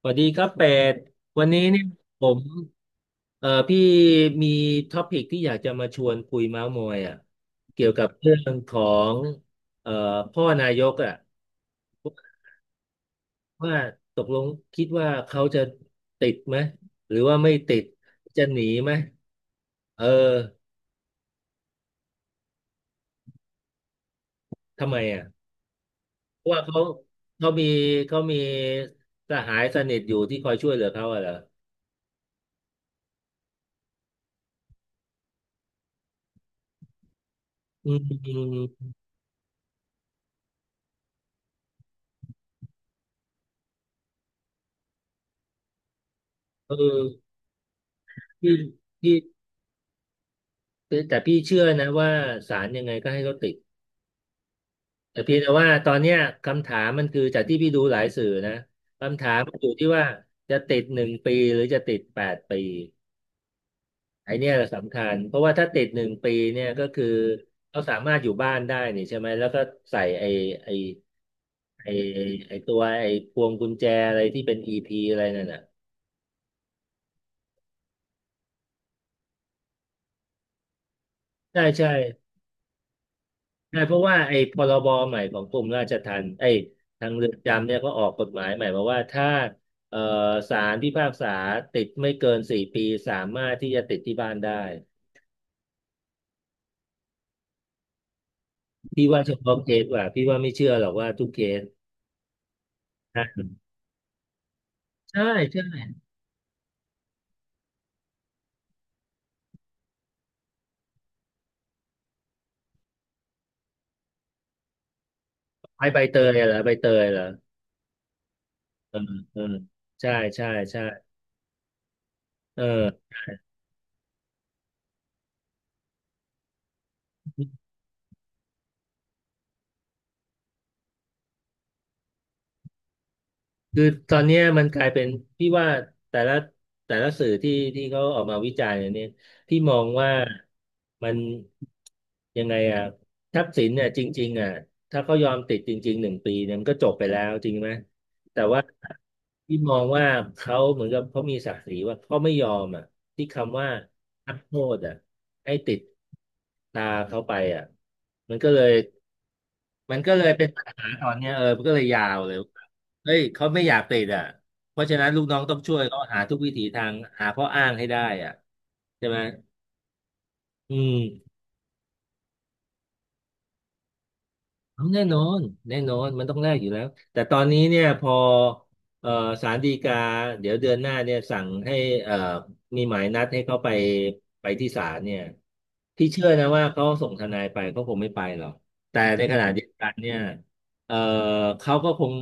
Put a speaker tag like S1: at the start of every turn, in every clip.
S1: สวัสดีครับเป็ดวันนี้เนี่ยผมพี่มีท็อปิกที่อยากจะมาชวนคุยเม้าท์มอยอ่ะเกี่ยวกับเรื่องของเอ่อพ่อนายกอ่ะว่าตกลงคิดว่าเขาจะติดไหมหรือว่าไม่ติดจะหนีไหมเออทำไมอ่ะเพราะว่าเขาเขามีเขามีสหายสนิทอยู่ที่คอยช่วยเหลือเขาอ่ะเหรออืมเออพี่พี่ คือแต่พี่เชื่อนะว่าศาลยังไงก็ให้ราติดแต่เพียงแต่ว่าตอนเนี้ยคำถามมันคือจากที่พี่ดูหลายสื่อนะคำถามมันอยู่ที่ว่าจะติดหนึ่งปีหรือจะติด8 ปีไอ้เนี่ยแหละสำคัญเพราะว่าถ้าติดหนึ่งปีเนี่ยก็คือเขาสามารถอยู่บ้านได้นี่ใช่ไหมแล้วก็ใส่ไอ้ไอ้ไอ้ตัวไอ้พวงกุญแจอะไรที่เป็นอีพีอะไรนั่นน่ะใช่ใช่ ใช่เพราะว่าไอ้พรบใหม่ของกรมราชทัณฑ์ไอ้ทางเรือนจำเนี่ยก็ออกกฎหมายใหม่มาว่าถ้าเอ่อศาลพิพากษาติดไม่เกิน4 ปีสามารถที่จะติดที่บ้านได้พี่ว่าเฉพาะเคสว่ะพี่ว่าไม่เชื่อหรอกว่าทุกเคสนะใช่ใช่ไอ้ใบเตยเหรอใบเตยเหรอเออเออใช่ใช่ใช่เออ คือตอนเนี้ยมันกลายเป็นพี่ว่าแต่ละแต่ละสื่อที่เขาออกมาวิจารณ์เนี่ยพี่มองว่ามันยังไงอ่ะทักษิณเนี่ยจริงๆอ่ะถ้าเขายอมติดจริงๆหนึ่งปีเนี่ยมันก็จบไปแล้วจริงไหมแต่ว่าพี่มองว่าเขาเหมือนกับเขามีศักดิ์ศรีว่าเขาไม่ยอมอ่ะที่คำว่านักโทษอ่ะให้ติดตาเขาไปอ่ะมันก็เลย มันก็เลยเป็นปัญหาตอนเนี้ยเออมันก็เลยยาวเลย เฮ้ยเขาไม่อยากติดอ่ะ เพราะฉะนั้นลูกน้องต้องช่วยเขาหาทุกวิถีทางหาข้ออ้างให้ได้อ่ะใช่ไหมอืม เอาแน่นอนแน่นอนมันต้องแลกอยู่แล้วแต่ตอนนี้เนี่ยพอเอ่อศาลฎีกาเดี๋ยวเดือนหน้าเนี่ยสั่งให้เอ่อมีหมายนัดให้เขาไปไปที่ศาลเนี่ยพี่เชื่อนะว่าเขาส่งทนายไปเขาคงไม่ไปหรอกแต่ในขณะเดียวกันเนี่ยเอ่อเขาก็คง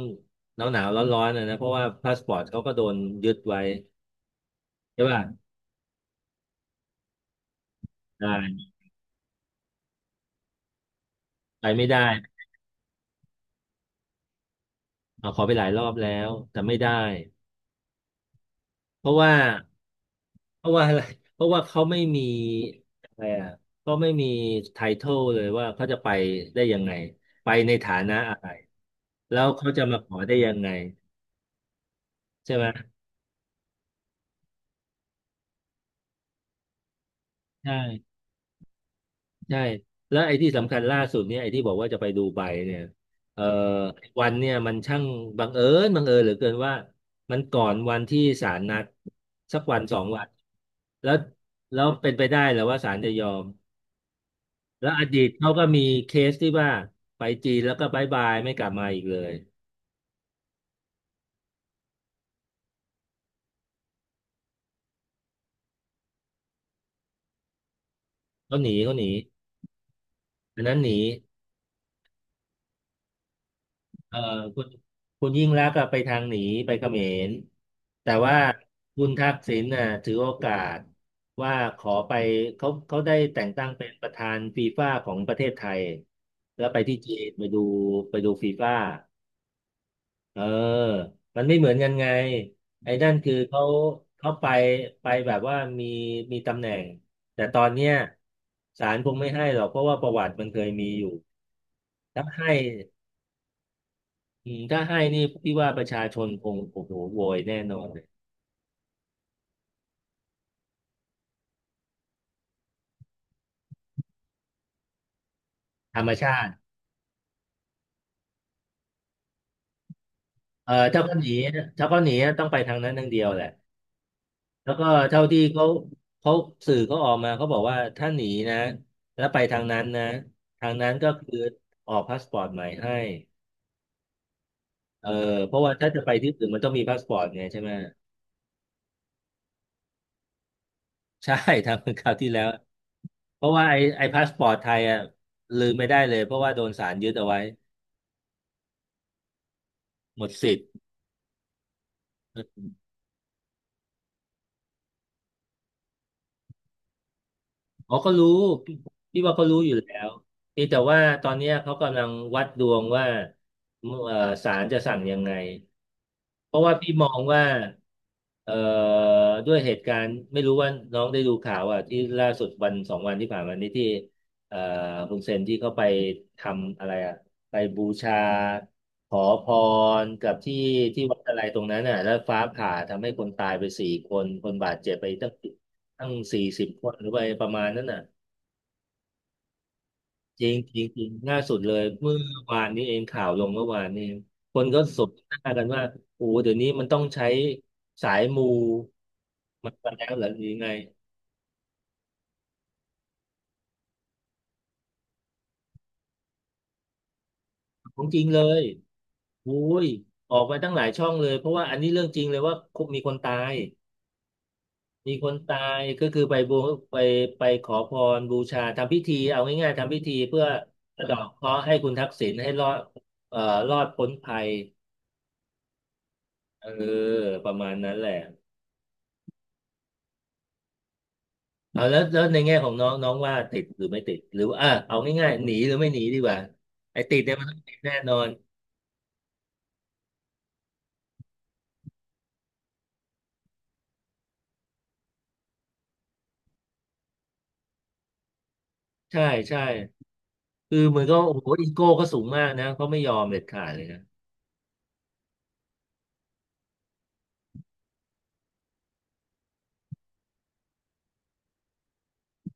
S1: หนาวหนาวร้อนร้อนนะเพราะว่าพาสปอร์ตเขาก็โดนยึดไว้ใช่ป่ะได้ไปไม่ได้เอาขอไปหลายรอบแล้วแต่ไม่ได้เพราะว่า เพราะว่าอะไรเพราะว่าเขาไม่มีอะไรอ่ะเขาไม่มีไททอลเลยว่าเขาจะไปได้ยังไง ไปในฐานะอะไรแล้วเขาจะมาขอได้ยังไงใช่ไหมใช่ใช่แล้วไอ้ที่สำคัญล่าสุดเนี่ยไอ้ที่บอกว่าจะไปดูไบเนี่ยเอ่อวันเนี่ยมันช่างบังเอิญเหลือเกินว่ามันก่อนวันที่ศาลนัดสักวันสองวัน แล้วแล้วเป็นไปได้เหรือว่าศาลจะยอม แล้วอดีตเขาก็มีเคสที่ว่าไปจีนแล้วก็บายบายไม่กลับมาอีกเลยเขาหนีอันนั้นหนีเอ่อคุณคุณยิ่งลักษณ์ก็ไปทางหนีไปเขมรแต่ว่าคุณทักษิณน่ะถือโอกาสว่าขอไปเขาได้แต่งตั้งเป็นประธานฟีฟ่าของประเทศไทยแล้วไปที่จีนไปดูฟีฟ่า เออ มันไม่เหมือนกันไงไอ้นั่นคือเขาเขาไปไปแบบว่ามี มีตำแหน่ง แต่ตอนเนี้ยศาลคงไม่ให้หรอกเพราะว่าประวัติมันเคยมีอยู่ถ้าให้อืมถ้าให้นี่พี่ว่าประชาชนคงโอ้โหโวยแน่นอนเลยธรรมชาติเออถ้าเขาหนีต้องไปทางนั้นทางเดียวแหละแล้วก็เท่าที่เขาเขาสื่อเขาออกมาเขาบอกว่าถ้าหนีนะแล้วไปทางนั้นนะทางนั้นก็คือออกพาสปอร์ตใหม่ให้ เออเพราะว่าถ้าจะไปที่อื่นมันต้องมีพาสปอร์ตไงใช่ไหมใช่ ทำเหมือนคราวที่แล้วเพราะว่าไอ้พาสปอร์ตไทยอ่ะลืมไม่ได้เลยเพราะว่าโดนศาลยึดเอาไว้หมดสิทธิ์เขาก็รู้พี่พี่ว่าเขารู้อยู่แล้วเพียงแต่ว่าตอนเนี้ยเขากำลังวัดดวงว่าเอ่อศาลจะสั่งยังไง เพราะว่าพี่มองว่าเอ่อด้วยเหตุการณ์ไม่รู้ว่าน้องได้ดูข่าวอ่ะที่ล่าสุดวันสองวันที่ผ่านมานี้ที่เอ่อฮุนเซนที่เขาไปทำอะไรอ่ะไปบูชาขอพรกับที่วัดอะไรตรงนั้นอ่ะแล้วฟ้าผ่าทำให้คนตายไป4 คนคนบาดเจ็บไปตั้ง40 คนหรือไปประมาณนั้นอ่ะ จริงจริงจริงล่าสุดเลยเมื่อวานนี้เองข่าวลงเมื่อวานนี้เองคนก็สบหน้ากันว่าโอ้เดี๋ยวนี้มันต้องใช้สายมูมันกันแล้วเหรือหรือยังไงของจริงเลยโอ้ยออกมาตั้งหลายช่องเลยเพราะว่าอันนี้เรื่องจริงเลยว่ามีคนตายมีคนตายก็คือไปไปขอพรบูชาทำพิธีเอาง่ายๆทำพิธีเพื่อสะเดาะเคราะห์ให้คุณทักษิณให้รอดเอ่อรอดพ้นภัยเออประมาณนั้นแหละ เอาแล้วแล้วในแง่ของน้องน้องว่าติดหรือไม่ติดหรือว่าอ่ะเอาง่ายๆหนีหรือไม่หนีดีกว่าไอ้ติดเนี่ยมันต้องติดแน่นอนใช่ใช่คือเหมือนก็โอ้โหอีโก้ก็สูงมากนะเขาไม่ยอมเด็ดขาดเลยนะ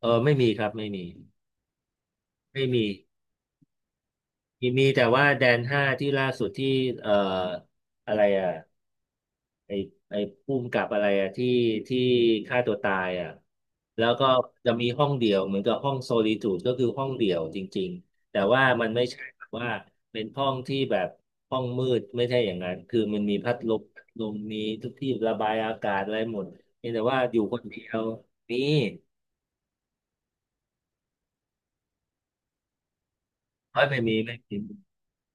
S1: เออไม่มีครับไม่มีไม่มีมีมีแต่ว่าแดนห้าที่ล่าสุดที่เอ่ออะไรอ่ะ ไอ้ไอ้ภูมิกับอะไรอะที่ฆ่าตัวตายอะแล้วก็จะมีห้องเดี่ยวเหมือนกับห้องโซลิจูดก็คือห้องเดี่ยวจริงๆแต่ว่ามันไม่ใช่แบบว่าเป็นห้องที่แบบห้องมืดไม่ใช่อย่างนั้นคือมันมีพัดลมมีทุกที่ระบายอากาศอะไรหมดเพียงแต่ว่าอยู่คนเดียวนี่เฮ้ยไม่มีไม่มี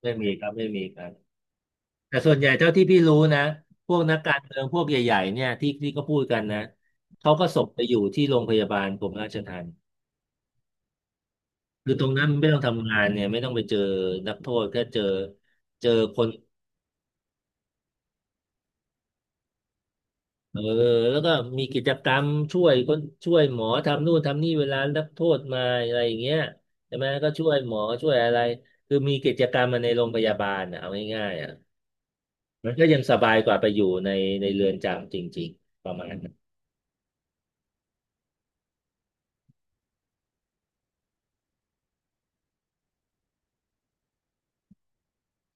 S1: ไม่มีครับไม่มีครับ แต่ส่วนใหญ่เท่าที่พี่รู้นะพวกนักการเมืองพวกใหญ่ๆเนี่ยที่ก็พูดกันนะเขาก็ส่งไปอยู่ที่โรงพยาบาลกรมราชทัณฑ์คือตรงนั้นมันไม่ต้องทำงานเนี่ยไม่ต้องไปเจอนักโทษแค่เจอคนเออแล้วก็มีกิจกรรมช่วยคนช่วยหมอทำนู่นทำนี่เวลานักโทษมาอะไรอย่างเงี้ยใช่ไหมก็ช่วยหมอช่วยอะไรคือมีกิจกรรมมาในโรงพยาบาลนะเอาง่ายๆอ่ะมันก็ยังสบายกว่าไปอยู่ในเรือนจำจริงๆประมาณนั้น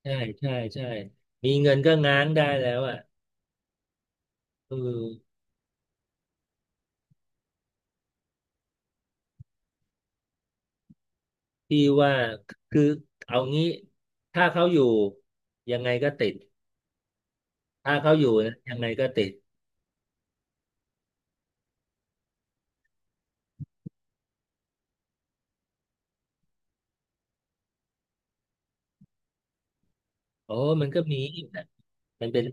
S1: ใช่ใช่ใช่ มีเงินก็ง้างได้แล้วอ่ะเออพี่ว่าคือเอางี้ถ้าเขาอยู่ยังไงก็ติดถ้าเขาอยู่นะยังไงก็ติด โอ้มันก็มีนะมันเป็น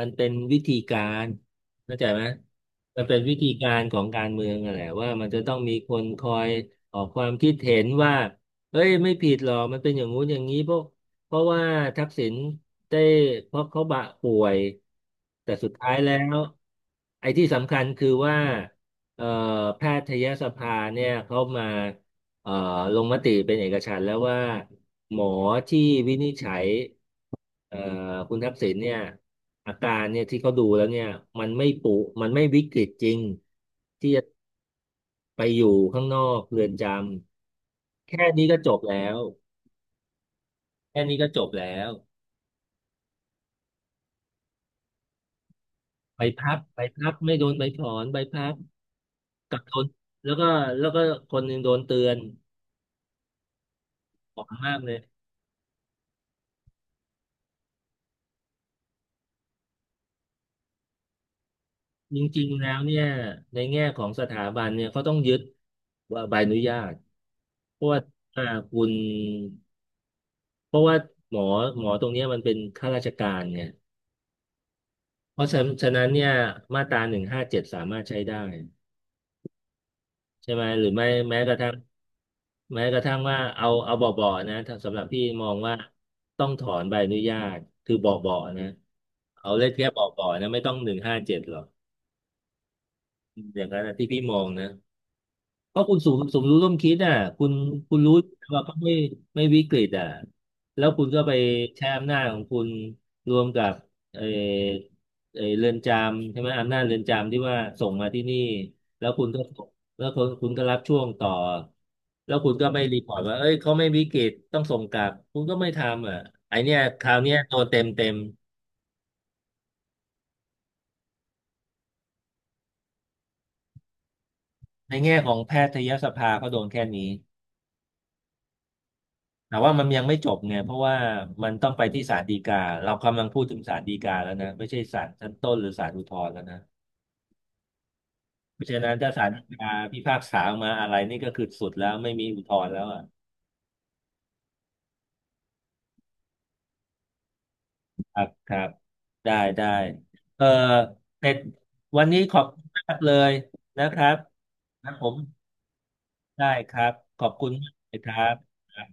S1: มันเป็นวิธีการเข้าใจไหมมันเป็นวิธีการของการเมืองอะแหละว่ามันจะต้องมีคนคอยออกความคิดเห็นว่าเอ้ยไม่ผิดหรอกมันเป็นอย่างงู้นอย่างนี้เพราะว่าทักษิณได้เพราะเขาบะป่วยแต่สุดท้ายแล้วไอ้ที่สำคัญคือว่าเอ่อแพทยสภาเนี่ยเขามาเอ่อลงมติเป็นเอกฉันท์แล้วว่าหมอที่วินิจฉัย เอ่อคุณทักษิณเนี่ยอาการเนี่ยที่เขาดูแล้วเนี่ยมันไม่ปุมันไม่วิกฤตจริงที่จะไปอยู่ข้างนอกเรือนจำแค่นี้ก็จบแล้วแค่นี้ก็จบแล้วไปพักไม่โดนใบถอนใบพักกลับโดนแล้วก็แล้วก็คนหนึ่งโดนเตือนออกมากเลยจริงๆแล้วเนี่ยในแง่ของสถาบันเนี่ยเขาต้องยึดว่าใบอนุญาตเพราะว่าอ่าคุณ เพราะว่าหมอหมอตรงเนี้ยมันเป็นข้าราชการเนี่ยเพราะฉะนั้นเนี่ยมาตรา 157สามารถใช้ได้ใช่ไหมหรือไม่แม้กระทั่งว่าเอาเบาๆนะถ้าสำหรับพี่มองว่าต้องถอนใบอนุญาตคือเบาๆนะเอาเล่นแค่เบาๆนะไม่ต้องหนึ่งห้าเจ็ดหรอกอย่างนั้นนะที่พี่มองนะ เพราะคุณสูงสมรู้ร่วมคิดอ่ะคุณคุณรู้ว่าเขาไม่วิกฤตอ่ะแล้วคุณก็ไปใช้อำนาจของคุณรวมกับเออเออเรือนจำใช่ไหมอำนาจเรือนจำที่ว่าส่งมาที่นี่แล้วคุณก็แล้วคุณก็รับช่วงต่อแล้วคุณก็ไม่รีพอร์ตว่าเอ้ยเขาไม่วิกฤตต้องส่งกลับคุณก็ไม่ทำอ่ะไอเนี้ยคราวเนี้ยโดนเต็มเต็มในแง่ของแพทยสภาเขาโดนแค่นี้ แต่ว่ามันยังไม่จบเนี่ยเพราะว่ามันต้องไปที่ศาลฎีกาเรากำลังพูดถึงศาลฎีกาแล้วนะไม่ใช่ศาลชั้นต้นหรือศาลอุทธรณ์แล้วนะเพราะฉะนั้นถ้าศาลฎีกาพิพากษาออกมาอะไรนี่ก็คือสุดแล้วไม่มีอุทธรณ์แล้วอ่ะครับครับได้ได้เออเสร็จวันนี้ขอบคุณมากเลยนะครับนะผมได้ครับขอบคุณมากเลยครับ